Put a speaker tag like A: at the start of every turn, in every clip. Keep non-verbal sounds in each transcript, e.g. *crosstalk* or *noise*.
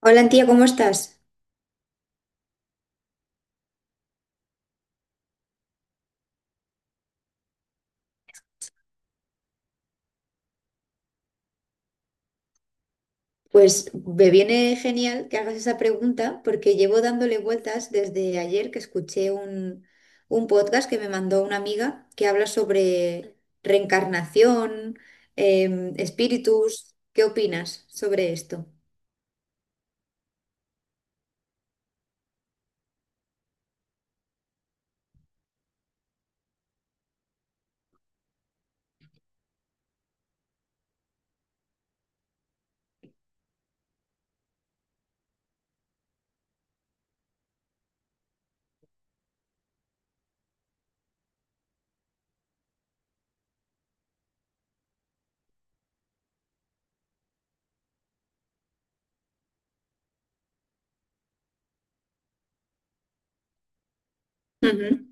A: Hola, tía, ¿cómo estás? Pues me viene genial que hagas esa pregunta porque llevo dándole vueltas desde ayer que escuché un podcast que me mandó una amiga que habla sobre reencarnación, espíritus. ¿Qué opinas sobre esto? Ujú.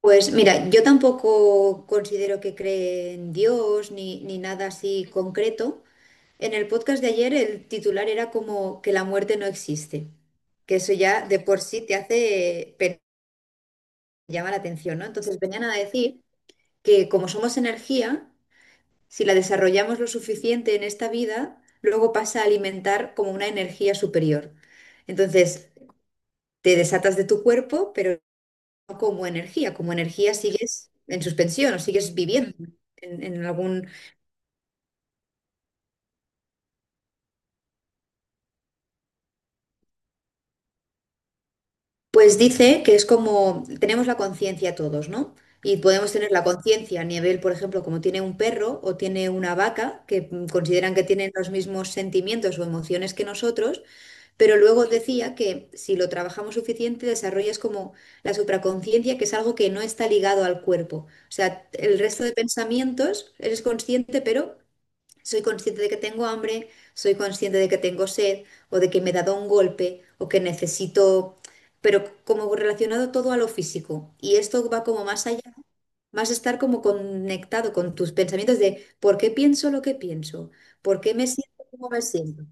A: Pues mira, yo tampoco considero que cree en Dios ni nada así concreto. En el podcast de ayer el titular era como que la muerte no existe, que eso ya de por sí te hace llama la atención, ¿no? Entonces venían a decir que como somos energía, si la desarrollamos lo suficiente en esta vida, luego pasa a alimentar como una energía superior. Entonces te desatas de tu cuerpo, pero no como energía, como energía sigues en suspensión o sigues viviendo en algún. Pues dice que es como tenemos la conciencia todos, ¿no? Y podemos tener la conciencia a nivel, por ejemplo, como tiene un perro o tiene una vaca, que consideran que tienen los mismos sentimientos o emociones que nosotros, pero luego decía que si lo trabajamos suficiente, desarrollas como la supraconciencia, que es algo que no está ligado al cuerpo. O sea, el resto de pensamientos eres consciente, pero soy consciente de que tengo hambre, soy consciente de que tengo sed o de que me he dado un golpe o que necesito, pero como relacionado todo a lo físico. Y esto va como más allá, más estar como conectado con tus pensamientos de por qué pienso lo que pienso, por qué me siento como me siento.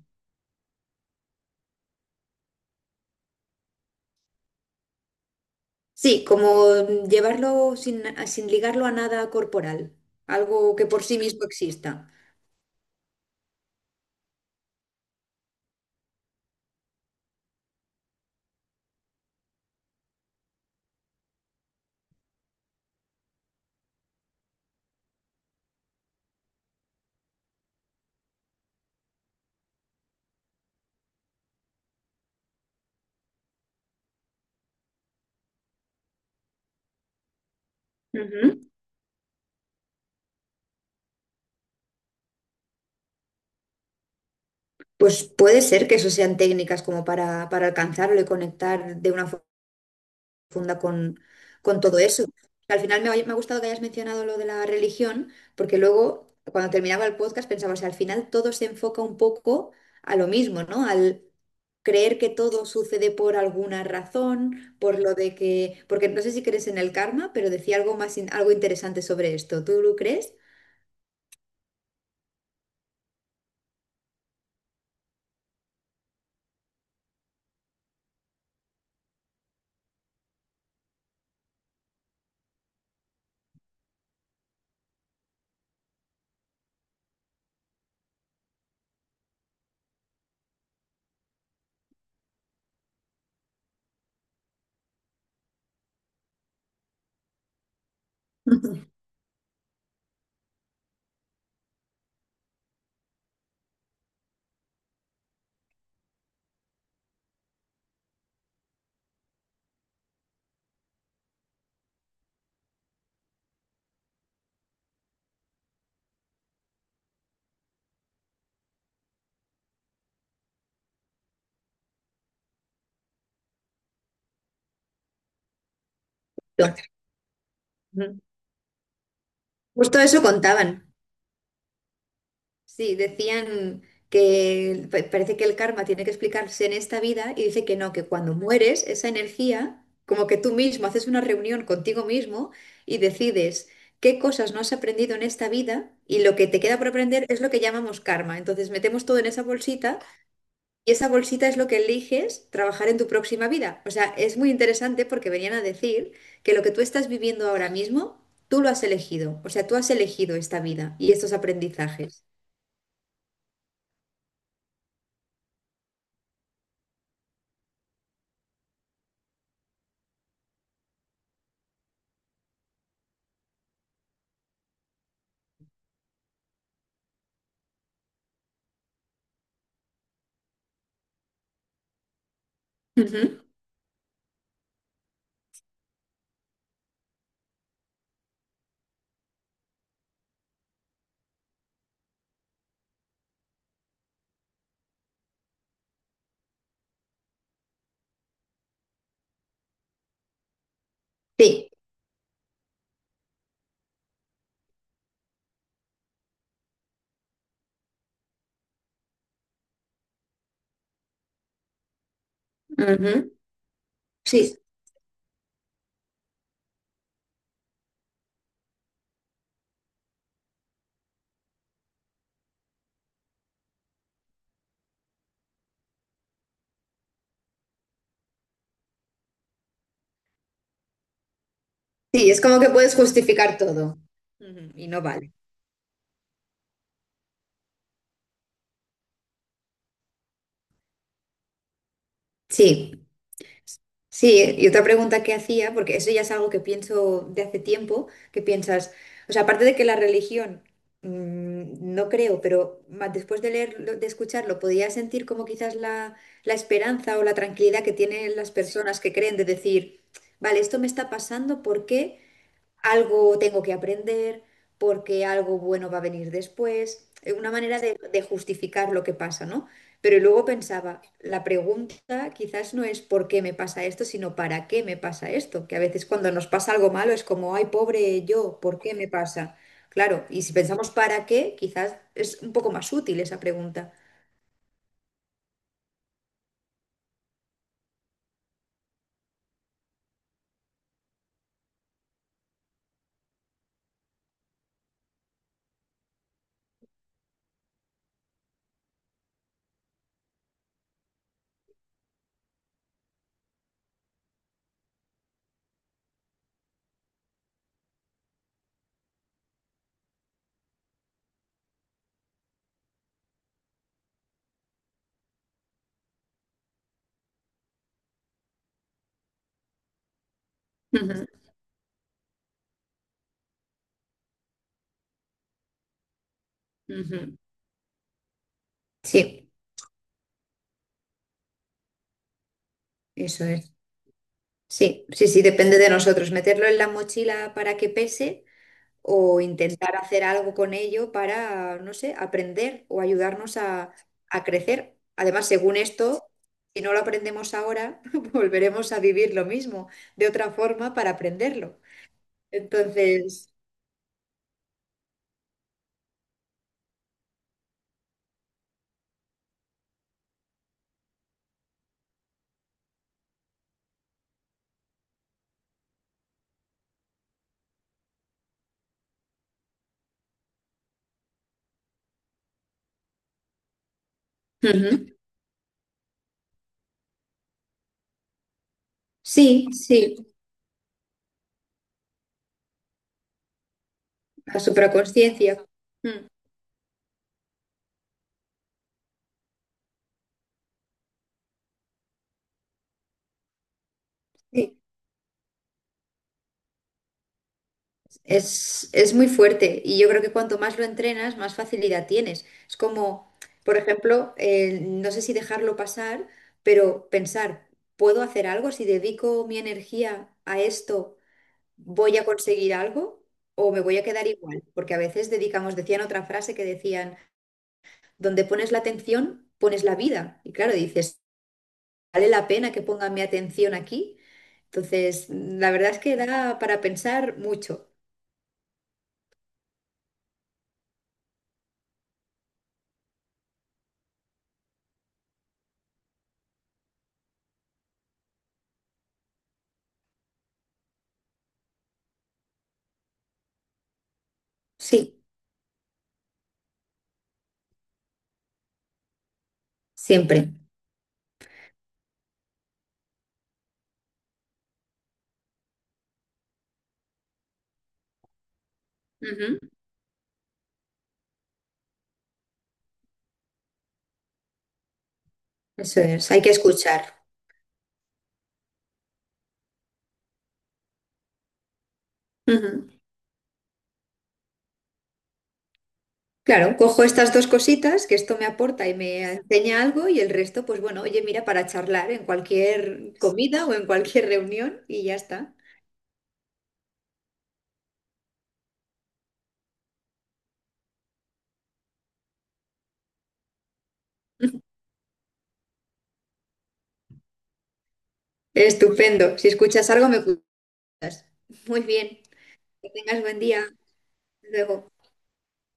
A: Sí, como llevarlo sin ligarlo a nada corporal, algo que por sí mismo exista. Ujú. Pues puede ser que eso sean técnicas como para alcanzarlo y conectar de una forma profunda con todo eso. Al final me ha gustado que hayas mencionado lo de la religión, porque luego, cuando terminaba el podcast, pensaba, o sea, al final todo se enfoca un poco a lo mismo, ¿no? Al creer que todo sucede por alguna razón, por lo de que, porque no sé si crees en el karma, pero decía algo más, algo interesante sobre esto. ¿Tú lo crees? *laughs* Justo Justo eso contaban. Sí, decían que parece que el karma tiene que explicarse en esta vida y dice que no, que cuando mueres, esa energía, como que tú mismo haces una reunión contigo mismo y decides qué cosas no has aprendido en esta vida y lo que te queda por aprender es lo que llamamos karma. Entonces metemos todo en esa bolsita y esa bolsita es lo que eliges trabajar en tu próxima vida. O sea, es muy interesante porque venían a decir que lo que tú estás viviendo ahora mismo, tú lo has elegido. O sea, tú has elegido esta vida y estos aprendizajes. Ujú. Sí, ujú. Sí, sí, es como que puedes justificar todo. Ujú, y no vale. Sí, sí, y otra pregunta que hacía, porque eso ya es algo que pienso de hace tiempo, que piensas, o sea, aparte de que la religión, no creo, pero después de leerlo, de escucharlo, podía sentir como quizás la esperanza o la tranquilidad que tienen las personas que creen de decir, vale, esto me está pasando, ¿por qué? Algo tengo que aprender porque algo bueno va a venir después. Una manera de justificar lo que pasa, ¿no? Pero luego pensaba, la pregunta quizás no es por qué me pasa esto, sino para qué me pasa esto. Que a veces cuando nos pasa algo malo es como, ay, pobre yo, ¿por qué me pasa? Claro, y si pensamos para qué, quizás es un poco más útil esa pregunta. Ujú, ujú. Sí, eso es. Sí, sí, sí, depende de nosotros. Meterlo en la mochila para que pese o intentar hacer algo con ello para, no sé, aprender o ayudarnos a crecer. Además, según esto, si no lo aprendemos ahora, *laughs* volveremos a vivir lo mismo de otra forma para aprenderlo. Entonces, ujú. Sí, sí, la supraconsciencia. Mm, sí. Es muy fuerte y yo creo que cuanto más lo entrenas, más facilidad tienes. Es como, por ejemplo, no sé si dejarlo pasar, pero pensar, ¿puedo hacer algo? Si dedico mi energía a esto, ¿voy a conseguir algo o me voy a quedar igual? Porque a veces dedicamos, decían otra frase que decían, donde pones la atención, pones la vida. Y claro, dices, ¿vale la pena que ponga mi atención aquí? Entonces, la verdad es que da para pensar mucho. Sí, siempre. Ujú, eso es, hay que escuchar. Ujú. Claro, cojo estas dos cositas, que esto me aporta y me enseña algo, y el resto, pues bueno, oye, mira, para charlar en cualquier comida o en cualquier reunión y ya está. Estupendo. Si escuchas algo, me cuentas. Muy bien. Que tengas buen día. Hasta luego.